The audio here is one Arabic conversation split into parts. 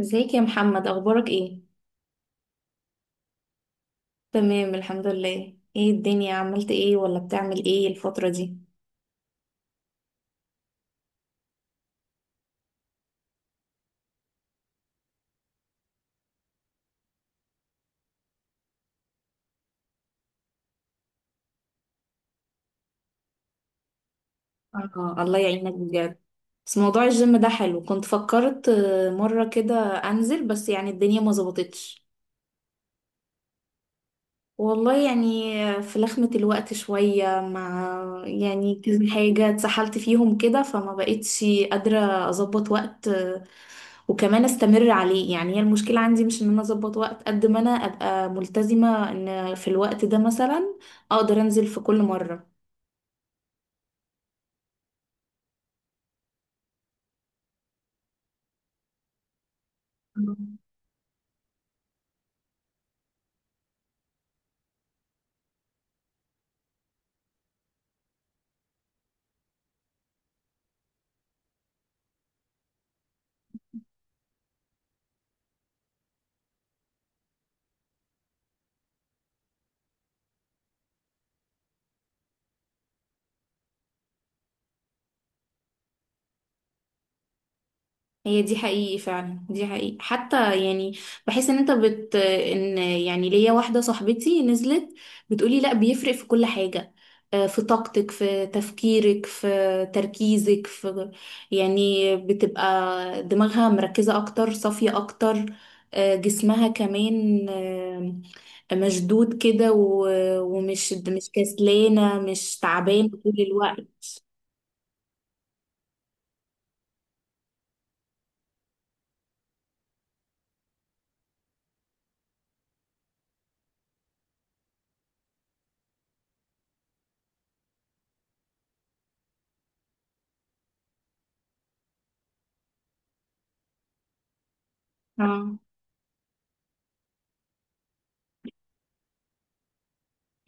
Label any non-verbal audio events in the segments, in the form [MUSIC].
ازيك يا محمد، اخبارك ايه؟ تمام الحمد لله. ايه الدنيا، عملت ايه ولا بتعمل ايه الفترة دي؟ آه، الله يعينك بجد. بس موضوع الجيم ده حلو، كنت فكرت، مرة كده انزل بس يعني الدنيا ما ظبطتش. والله يعني، في لخمة الوقت شوية مع، يعني كذا حاجة اتسحلت فيهم كده فما بقتش قادرة اظبط وقت وكمان استمر عليه. يعني هي المشكلة عندي مش ان انا اظبط وقت قد ما انا ابقى ملتزمة ان في الوقت ده مثلا اقدر انزل في كل مرة. هي دي حقيقي فعلا، دي حقيقي حتى. يعني بحس ان انت ان يعني ليا واحدة صاحبتي نزلت، بتقولي لا بيفرق في كل حاجة. في طاقتك، في تفكيرك، في تركيزك، في يعني بتبقى دماغها مركزة اكتر، صافية اكتر. جسمها كمان مشدود كده و- ومش مش كسلانة، مش تعبان طول الوقت. اه،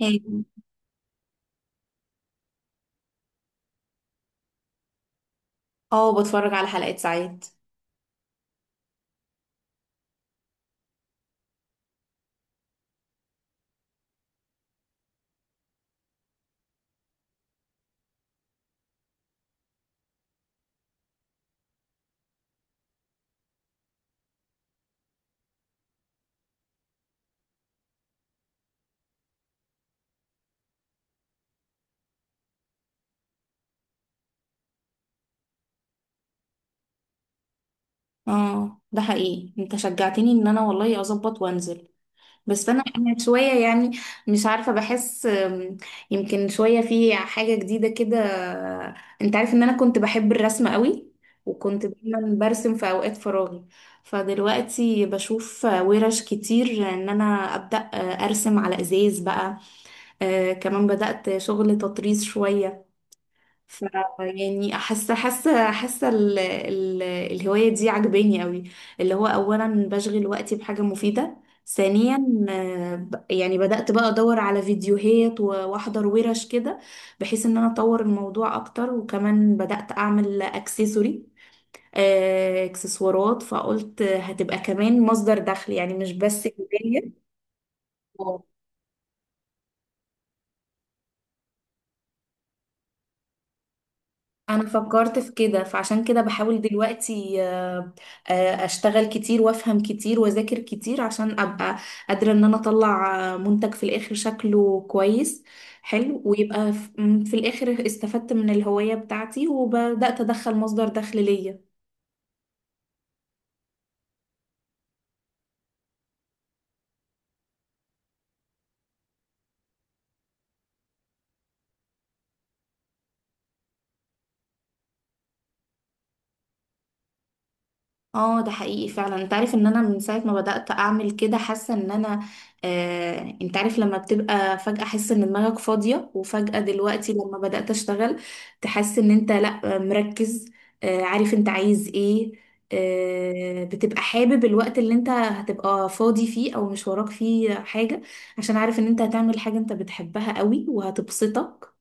هي- اه، بتفرج على حلقات ساعات. اه ده حقيقي، انت شجعتني ان انا والله اظبط وانزل. بس انا شويه يعني مش عارفه. بحس، يمكن شويه في حاجه جديده كده. انت عارف ان انا كنت بحب الرسم قوي، وكنت دايما برسم في اوقات فراغي. فدلوقتي بشوف ورش كتير ان انا ابدا ارسم على ازاز بقى. كمان بدات شغل تطريز شويه. ف يعني حاسه الهوايه دي عجباني قوي. اللي هو اولا بشغل وقتي بحاجه مفيده، ثانيا يعني بدأت بقى ادور على فيديوهات واحضر ورش كده، بحيث ان انا اطور الموضوع اكتر. وكمان بدأت اعمل اكسسوري آه، اكسسوارات، فقلت هتبقى كمان مصدر دخل يعني مش بس هواية. انا فكرت في كده، فعشان كده بحاول دلوقتي، اشتغل كتير وافهم كتير واذاكر كتير عشان ابقى قادرة ان انا اطلع منتج في الاخر شكله كويس حلو، ويبقى ف- م، في الاخر استفدت من الهواية بتاعتي وبدأت ادخل مصدر دخل ليا. اه ده حقيقي فعلا، انت عارف ان انا من ساعة ما بدأت اعمل كده حاسة ان انا، انت عارف، لما بتبقى فجأة حاسة ان دماغك فاضية، وفجأة دلوقتي لما بدأت اشتغل تحس ان انت لا، مركز، عارف انت عايز ايه، بتبقى حابب الوقت اللي انت هتبقى فاضي فيه او مش وراك فيه حاجة، عشان عارف ان انت هتعمل حاجة انت بتحبها قوي وهتبسطك.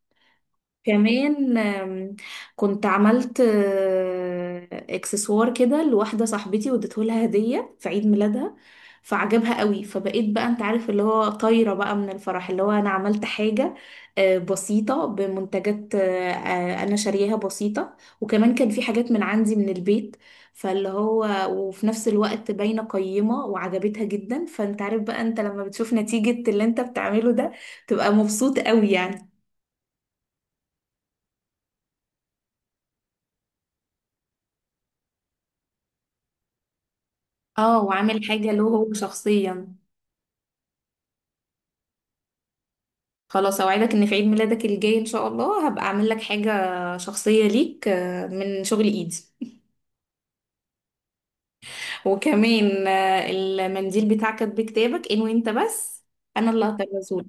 كمان، كنت عملت اكسسوار كده لواحدة صاحبتي واديته لها هدية في عيد ميلادها، فعجبها قوي. فبقيت بقى انت عارف اللي هو طايرة بقى من الفرح، اللي هو انا عملت حاجة بسيطة بمنتجات انا شارياها بسيطة، وكمان كان في حاجات من عندي من البيت. فاللي هو وفي نفس الوقت باينة قيمة وعجبتها جدا، فانت عارف بقى انت لما بتشوف نتيجة اللي انت بتعمله ده تبقى مبسوط قوي يعني. اه، وعامل حاجة له هو شخصيا. خلاص اوعدك ان في عيد ميلادك الجاي ان شاء الله هبقى اعمل لك حاجة شخصية ليك، من شغل ايدي. وكمان المنديل بتاعك بكتابك، ان وانت بس انا اللي هكرسهولك.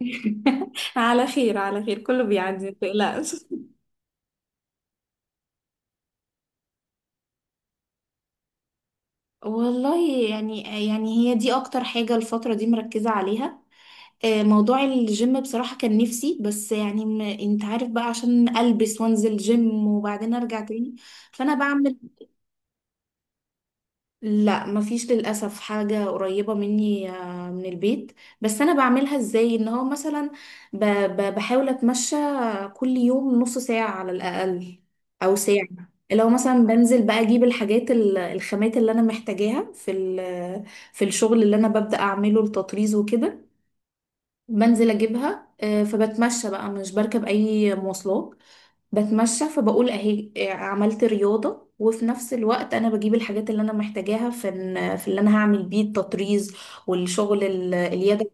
[LAUGHS] على خير، على خير، كله بيعدي متقلقش. والله يعني، يعني هي دي اكتر حاجة الفترة دي مركزة عليها. موضوع الجيم بصراحة كان نفسي، بس يعني انت عارف بقى عشان ألبس وانزل جيم وبعدين ارجع تاني. فانا بعمل، لا مفيش للأسف حاجة قريبة مني من البيت. بس انا بعملها ازاي ان هو مثلا، بحاول اتمشى كل يوم نص ساعة على الأقل او ساعة. لو مثلا بنزل بقى اجيب الحاجات الخامات اللي انا محتاجاها في في الشغل اللي انا ببدأ اعمله، التطريز وكده، بنزل اجيبها. فبتمشى بقى، مش بركب اي مواصلات، بتمشى. فبقول اهي عملت رياضة، وفي نفس الوقت انا بجيب الحاجات اللي انا محتاجاها في في اللي انا هعمل بيه التطريز والشغل اليدوي.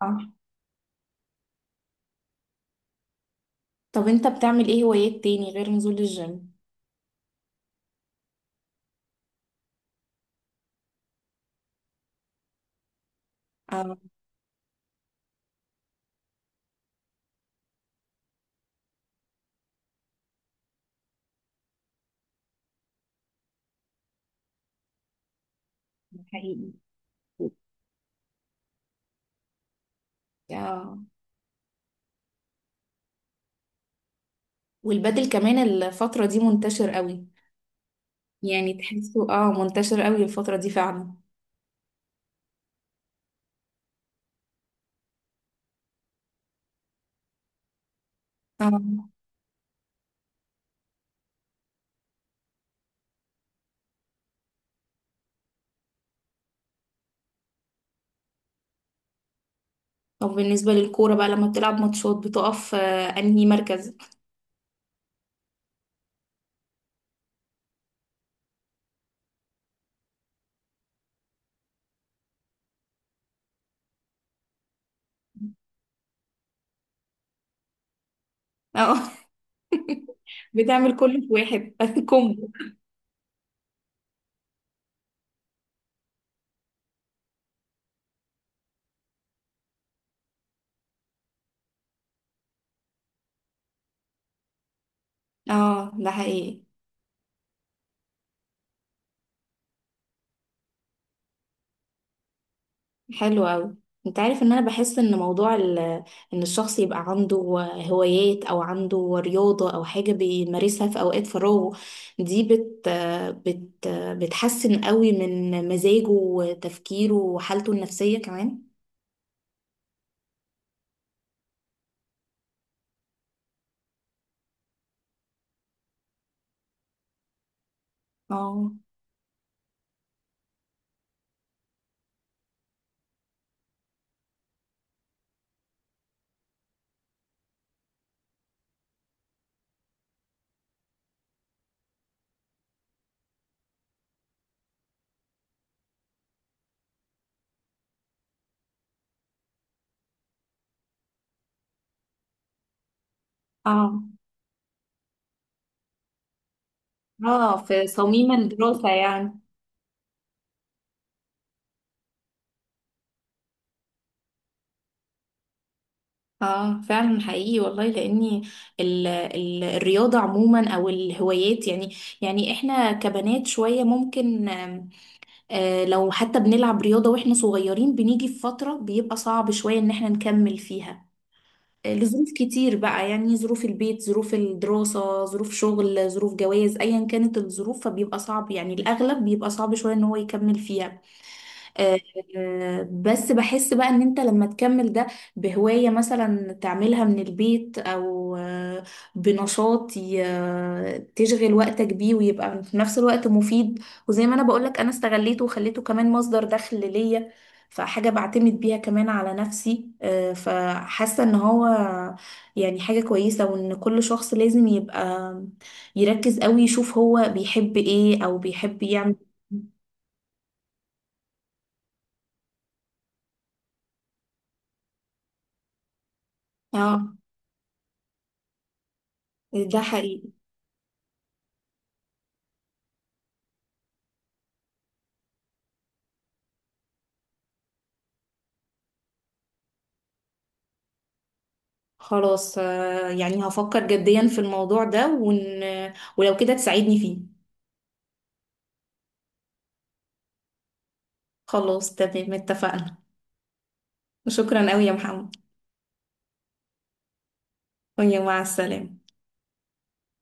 صح. طب انت بتعمل ايه هوايات تاني غير نزول الجيم؟ اه حقيقي. آه. والبدل كمان الفترة دي منتشر قوي، يعني تحسه اه منتشر قوي الفترة دي فعلا. اه. طب بالنسبة للكورة بقى لما بتلعب ماتشات، بتقف انهي مركز؟ اه. [LAUGHS] بتعمل كله في واحد، [LAUGHS] كومبو. اه ده حقيقي، حلو قوي. انت عارف ان انا بحس ان موضوع ان الشخص يبقى عنده هوايات او عنده رياضة او حاجة بيمارسها في اوقات فراغه، دي بت بت بتحسن قوي من مزاجه وتفكيره وحالته النفسية كمان. اه. اه، اه، في صميم الدراسة يعني. اه فعلا حقيقي والله، لاني ال ال الرياضه عموما او الهوايات يعني، يعني احنا كبنات شويه ممكن، لو حتى بنلعب رياضه واحنا صغيرين بنيجي في فتره بيبقى صعب شويه ان احنا نكمل فيها، لظروف كتير بقى، يعني ظروف البيت، ظروف الدراسه، ظروف شغل، ظروف جواز، ايا كانت الظروف، فبيبقى صعب يعني الاغلب بيبقى صعب شويه ان هو يكمل فيها. آه، بس بحس بقى ان انت لما تكمل ده بهواية مثلا تعملها من البيت، او بنشاط تشغل وقتك بيه ويبقى في نفس الوقت مفيد. وزي ما انا بقولك، انا استغليته وخليته كمان مصدر دخل ليا، فحاجة بعتمد بيها كمان على نفسي، فحاسة ان هو يعني حاجة كويسة، وان كل شخص لازم يبقى يركز قوي يشوف هو بيحب ايه او بيحب يعمل إيه. اه ده حقيقي. خلاص، يعني هفكر جديا في الموضوع ده، ولو كده تساعدني فيه. خلاص تمام، اتفقنا. شكرا قوي يا محمد، ويا مع السلامة.